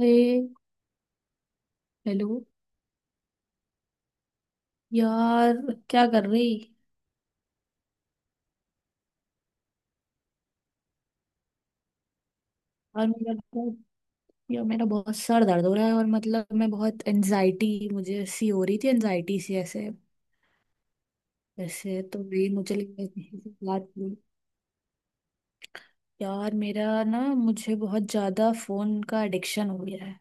हे। Hello. यार, क्या कर रही। यार मेरा बहुत यार, मेरा बहुत सर दर्द हो रहा है और मतलब मैं बहुत एनजाइटी, मुझे सी हो रही थी, एनजाइटी सी ऐसे ऐसे तो भी मुझे लगा किसी से बात करूं। यार, मेरा ना मुझे बहुत ज्यादा फोन का एडिक्शन हो गया है।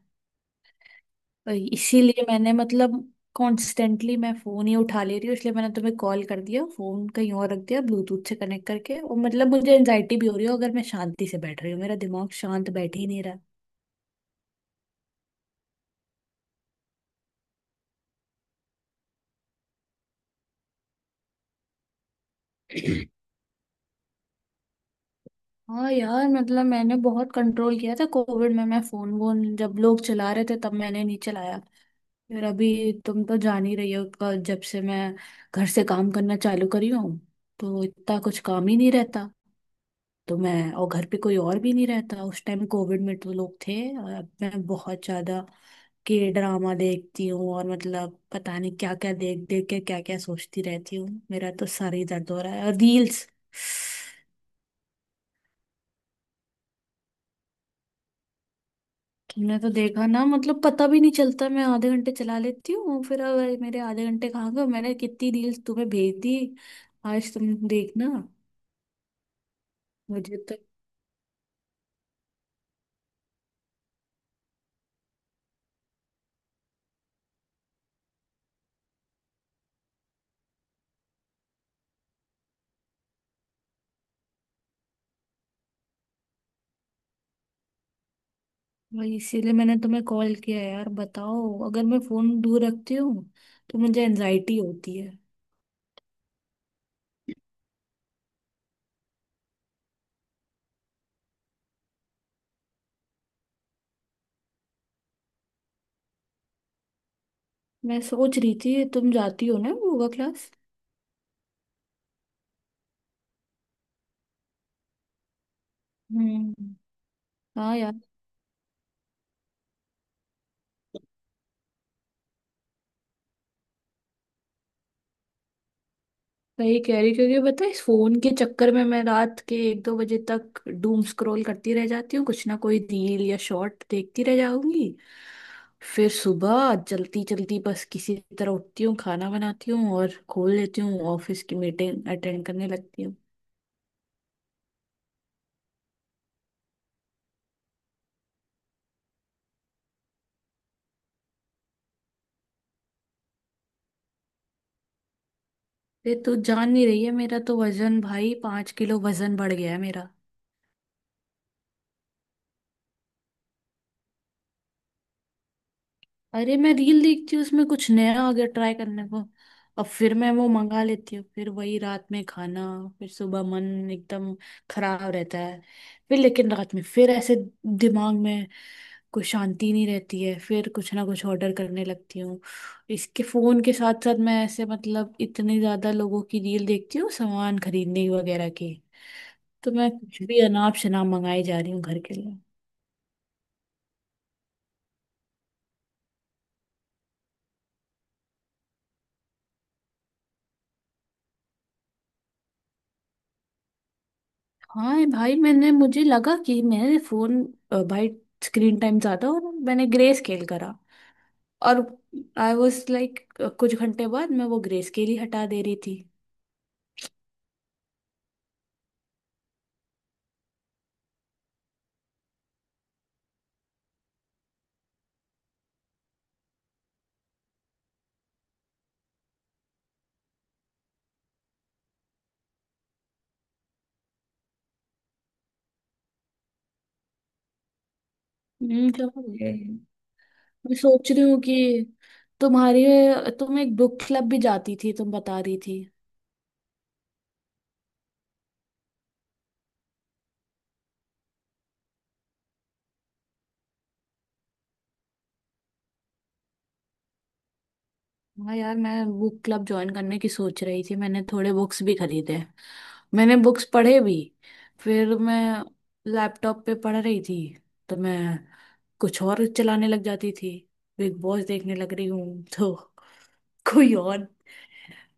तो इसीलिए मैंने मतलब कॉन्स्टेंटली मैं फोन ही उठा ले रही हूँ, इसलिए मैंने तुम्हें कॉल कर दिया, फोन कहीं और रख दिया ब्लूटूथ से कनेक्ट करके। और मतलब मुझे एनजाइटी भी हो रही हो अगर मैं शांति से बैठ रही हूँ, मेरा दिमाग शांत बैठ ही नहीं रहा। हाँ यार, मतलब मैंने बहुत कंट्रोल किया था, कोविड में मैं फोन वोन जब लोग चला रहे थे तब मैंने नहीं चलाया। फिर अभी तुम तो जान ही रही हो, जब से मैं घर से काम करना चालू करी हूँ तो इतना कुछ काम ही नहीं रहता। तो मैं, और घर पे कोई और भी नहीं रहता, उस टाइम कोविड में तो लोग थे। और अब मैं बहुत ज्यादा के ड्रामा देखती हूँ और मतलब पता नहीं क्या क्या देख देख के क्या क्या सोचती रहती हूँ। मेरा तो सर ही दर्द हो रहा है। और रील्स तुमने तो देखा ना, मतलब पता भी नहीं चलता, मैं आधे घंटे चला लेती हूँ, फिर अब मेरे आधे घंटे कहाँ गए? मैंने कितनी रील्स तुम्हें भेज दी, आज तुम देखना। मुझे तो वही, इसीलिए मैंने तुम्हें कॉल किया यार। बताओ, अगर मैं फोन दूर रखती हूँ तो मुझे एनजाइटी होती है। मैं सोच रही थी तुम जाती हो ना योगा क्लास। हम्म। हाँ यार, वही कह रही क्योंकि पता है इस फोन के चक्कर में मैं रात के एक दो बजे तक डूम स्क्रॉल करती रह जाती हूँ, कुछ ना कोई रील या शॉर्ट देखती रह जाऊंगी। फिर सुबह जल्दी जल्दी बस किसी तरह उठती हूँ, खाना बनाती हूँ और खोल लेती हूँ ऑफिस की मीटिंग अटेंड करने लगती हूँ। ये तो जान नहीं रही है, मेरा तो वजन भाई, 5 किलो वजन बढ़ गया है मेरा। अरे मैं रील देखती हूँ उसमें कुछ नया आ गया ट्राई करने को, अब फिर मैं वो मंगा लेती हूँ, फिर वही रात में खाना, फिर सुबह मन एकदम खराब रहता है। फिर लेकिन रात में फिर ऐसे दिमाग में कोई शांति नहीं रहती है, फिर कुछ ना कुछ ऑर्डर करने लगती हूँ। इसके फोन के साथ साथ मैं ऐसे मतलब इतनी ज्यादा लोगों की रील देखती हूँ सामान खरीदने वगैरह की, तो मैं कुछ भी अनाप शनाप मंगाई जा रही हूँ घर के लिए। हाँ भाई, मैंने मुझे लगा कि मेरे फोन भाई स्क्रीन टाइम ज्यादा, और मैंने ग्रे स्केल करा। और आई वॉज लाइक कुछ घंटे बाद मैं वो ग्रे स्केल ही हटा दे रही थी। हम्म, क्या हो गया? मैं सोच रही हूँ कि तुम्हारी, तुम एक बुक क्लब भी जाती थी, तुम बता रही थी। हाँ यार, मैं बुक क्लब ज्वाइन करने की सोच रही थी, मैंने थोड़े बुक्स भी खरीदे, मैंने बुक्स पढ़े भी। फिर मैं लैपटॉप पे पढ़ रही थी तो मैं कुछ और चलाने लग जाती थी। बिग बॉस देखने लग रही हूँ तो कोई और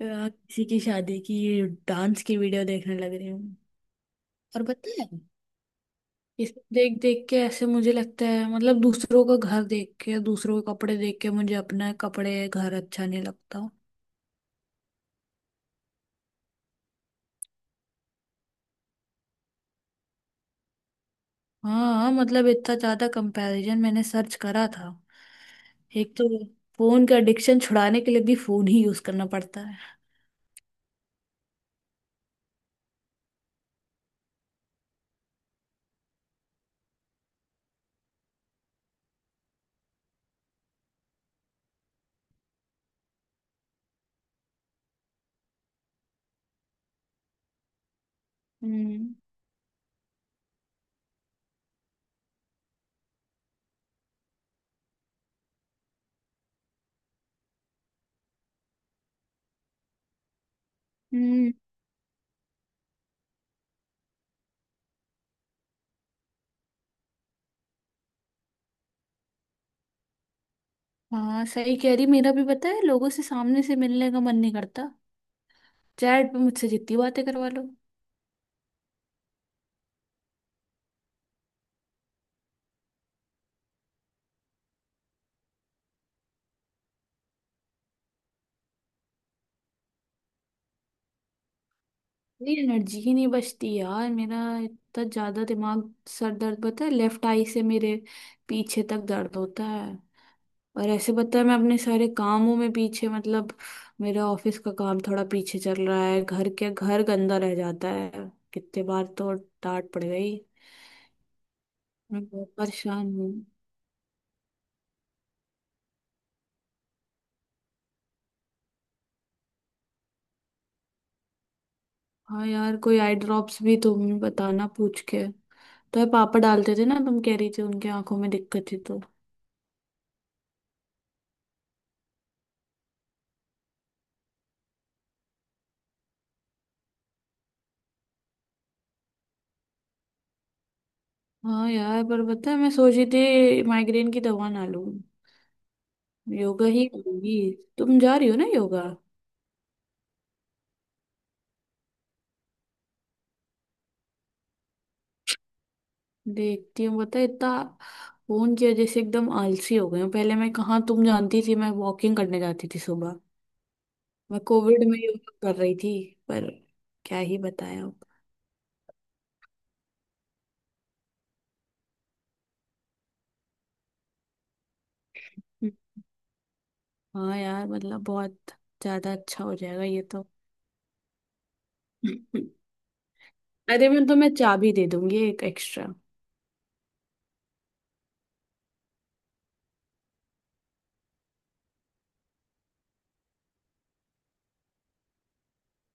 किसी की शादी की डांस की वीडियो देखने लग रही हूँ। और पता है ये सब देख देख के ऐसे मुझे लगता है, मतलब दूसरों का घर देख के, दूसरों के कपड़े देख के, मुझे अपना कपड़े घर अच्छा नहीं लगता। हाँ, मतलब इतना ज्यादा कंपैरिजन, मैंने सर्च करा था। एक तो फोन का एडिक्शन छुड़ाने के लिए भी फोन ही यूज करना पड़ता है। हम्म। हम्म। हाँ सही कह रही, मेरा भी पता है लोगों से सामने से मिलने का मन नहीं करता, चैट पे मुझसे जितनी बातें करवा लो। मेरी एनर्जी ही नहीं बचती यार, मेरा इतना ज्यादा दिमाग, सर दर्द, पता है लेफ्ट आई से मेरे पीछे तक दर्द होता है। और ऐसे पता है मैं अपने सारे कामों में पीछे, मतलब मेरा ऑफिस का काम थोड़ा पीछे चल रहा है, घर के घर गंदा रह जाता है, कितने बार तो डांट पड़ गई। मैं बहुत परेशान हूँ। हाँ यार, कोई आई ड्रॉप्स भी तुम बताना पूछ के, तो ये पापा डालते थे ना, तुम कह रही थी उनके आंखों में दिक्कत थी तो। हाँ यार, पर पता है मैं सोची थी माइग्रेन की दवा ना लूं, योगा ही करूंगी। तुम जा रही हो ना योगा। देखती हूँ, पता है इतना फोन की वजह से एकदम आलसी हो गई हूँ, पहले मैं कहाँ, तुम जानती थी मैं वॉकिंग करने जाती थी सुबह। मैं कोविड में योगा कर रही थी, पर क्या ही बताया अब। हम्म। हाँ यार, मतलब बहुत ज्यादा अच्छा हो जाएगा ये तो। अरे मैं तुम्हें चाबी दे दूंगी एक एक्स्ट्रा।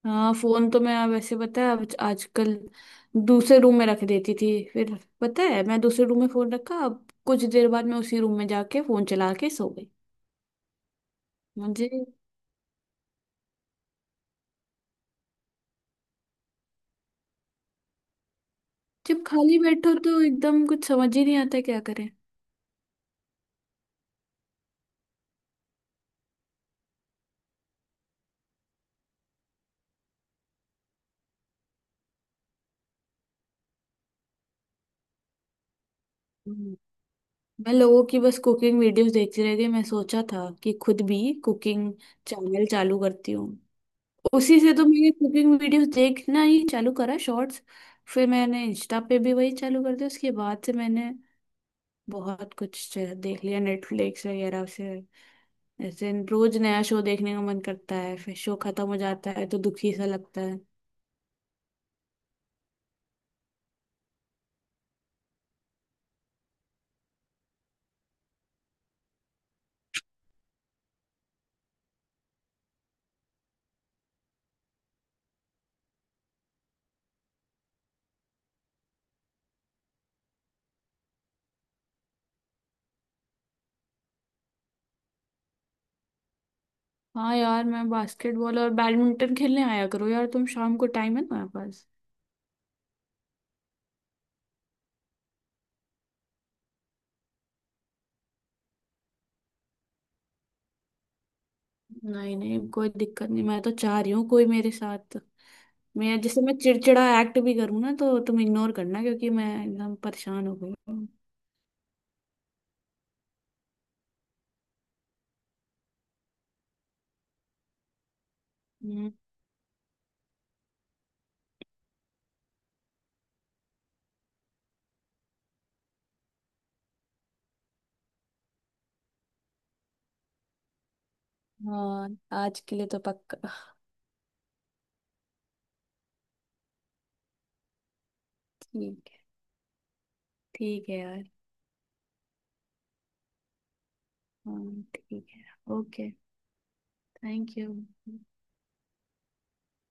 हाँ फोन तो मैं वैसे पता है आजकल दूसरे रूम में रख देती थी। फिर पता है मैं दूसरे रूम में फोन रखा, अब कुछ देर बाद मैं उसी रूम में जाके फोन चला के सो गई। मुझे जब खाली बैठो तो एकदम कुछ समझ ही नहीं आता क्या करें। हम्म। मैं लोगों की बस कुकिंग वीडियोस देखती रह गई, मैं सोचा था कि खुद भी कुकिंग चैनल चालू करती हूँ। उसी से तो मैंने कुकिंग वीडियोस देखना ही चालू करा शॉर्ट्स, फिर मैंने इंस्टा पे भी वही चालू कर दिया। उसके बाद से मैंने बहुत कुछ देख लिया नेटफ्लिक्स वगैरह से। ऐसे रोज नया शो देखने का मन करता है, फिर शो खत्म हो जाता है तो दुखी सा लगता है। हाँ यार, मैं बास्केटबॉल और बैडमिंटन खेलने आया करो यार, तुम शाम को टाइम है तुम्हारे पास? नहीं नहीं, कोई दिक्कत नहीं, मैं तो चाह रही हूँ कोई मेरे साथ। मैं जैसे मैं चिड़चिड़ा एक्ट भी करूँ ना तो तुम इग्नोर करना, क्योंकि मैं एकदम परेशान हो गई हूँ। हम्म। हाँ, आज के लिए तो पक्का। ठीक है। ठीक है यार। हाँ ठीक है। ओके। Thank you.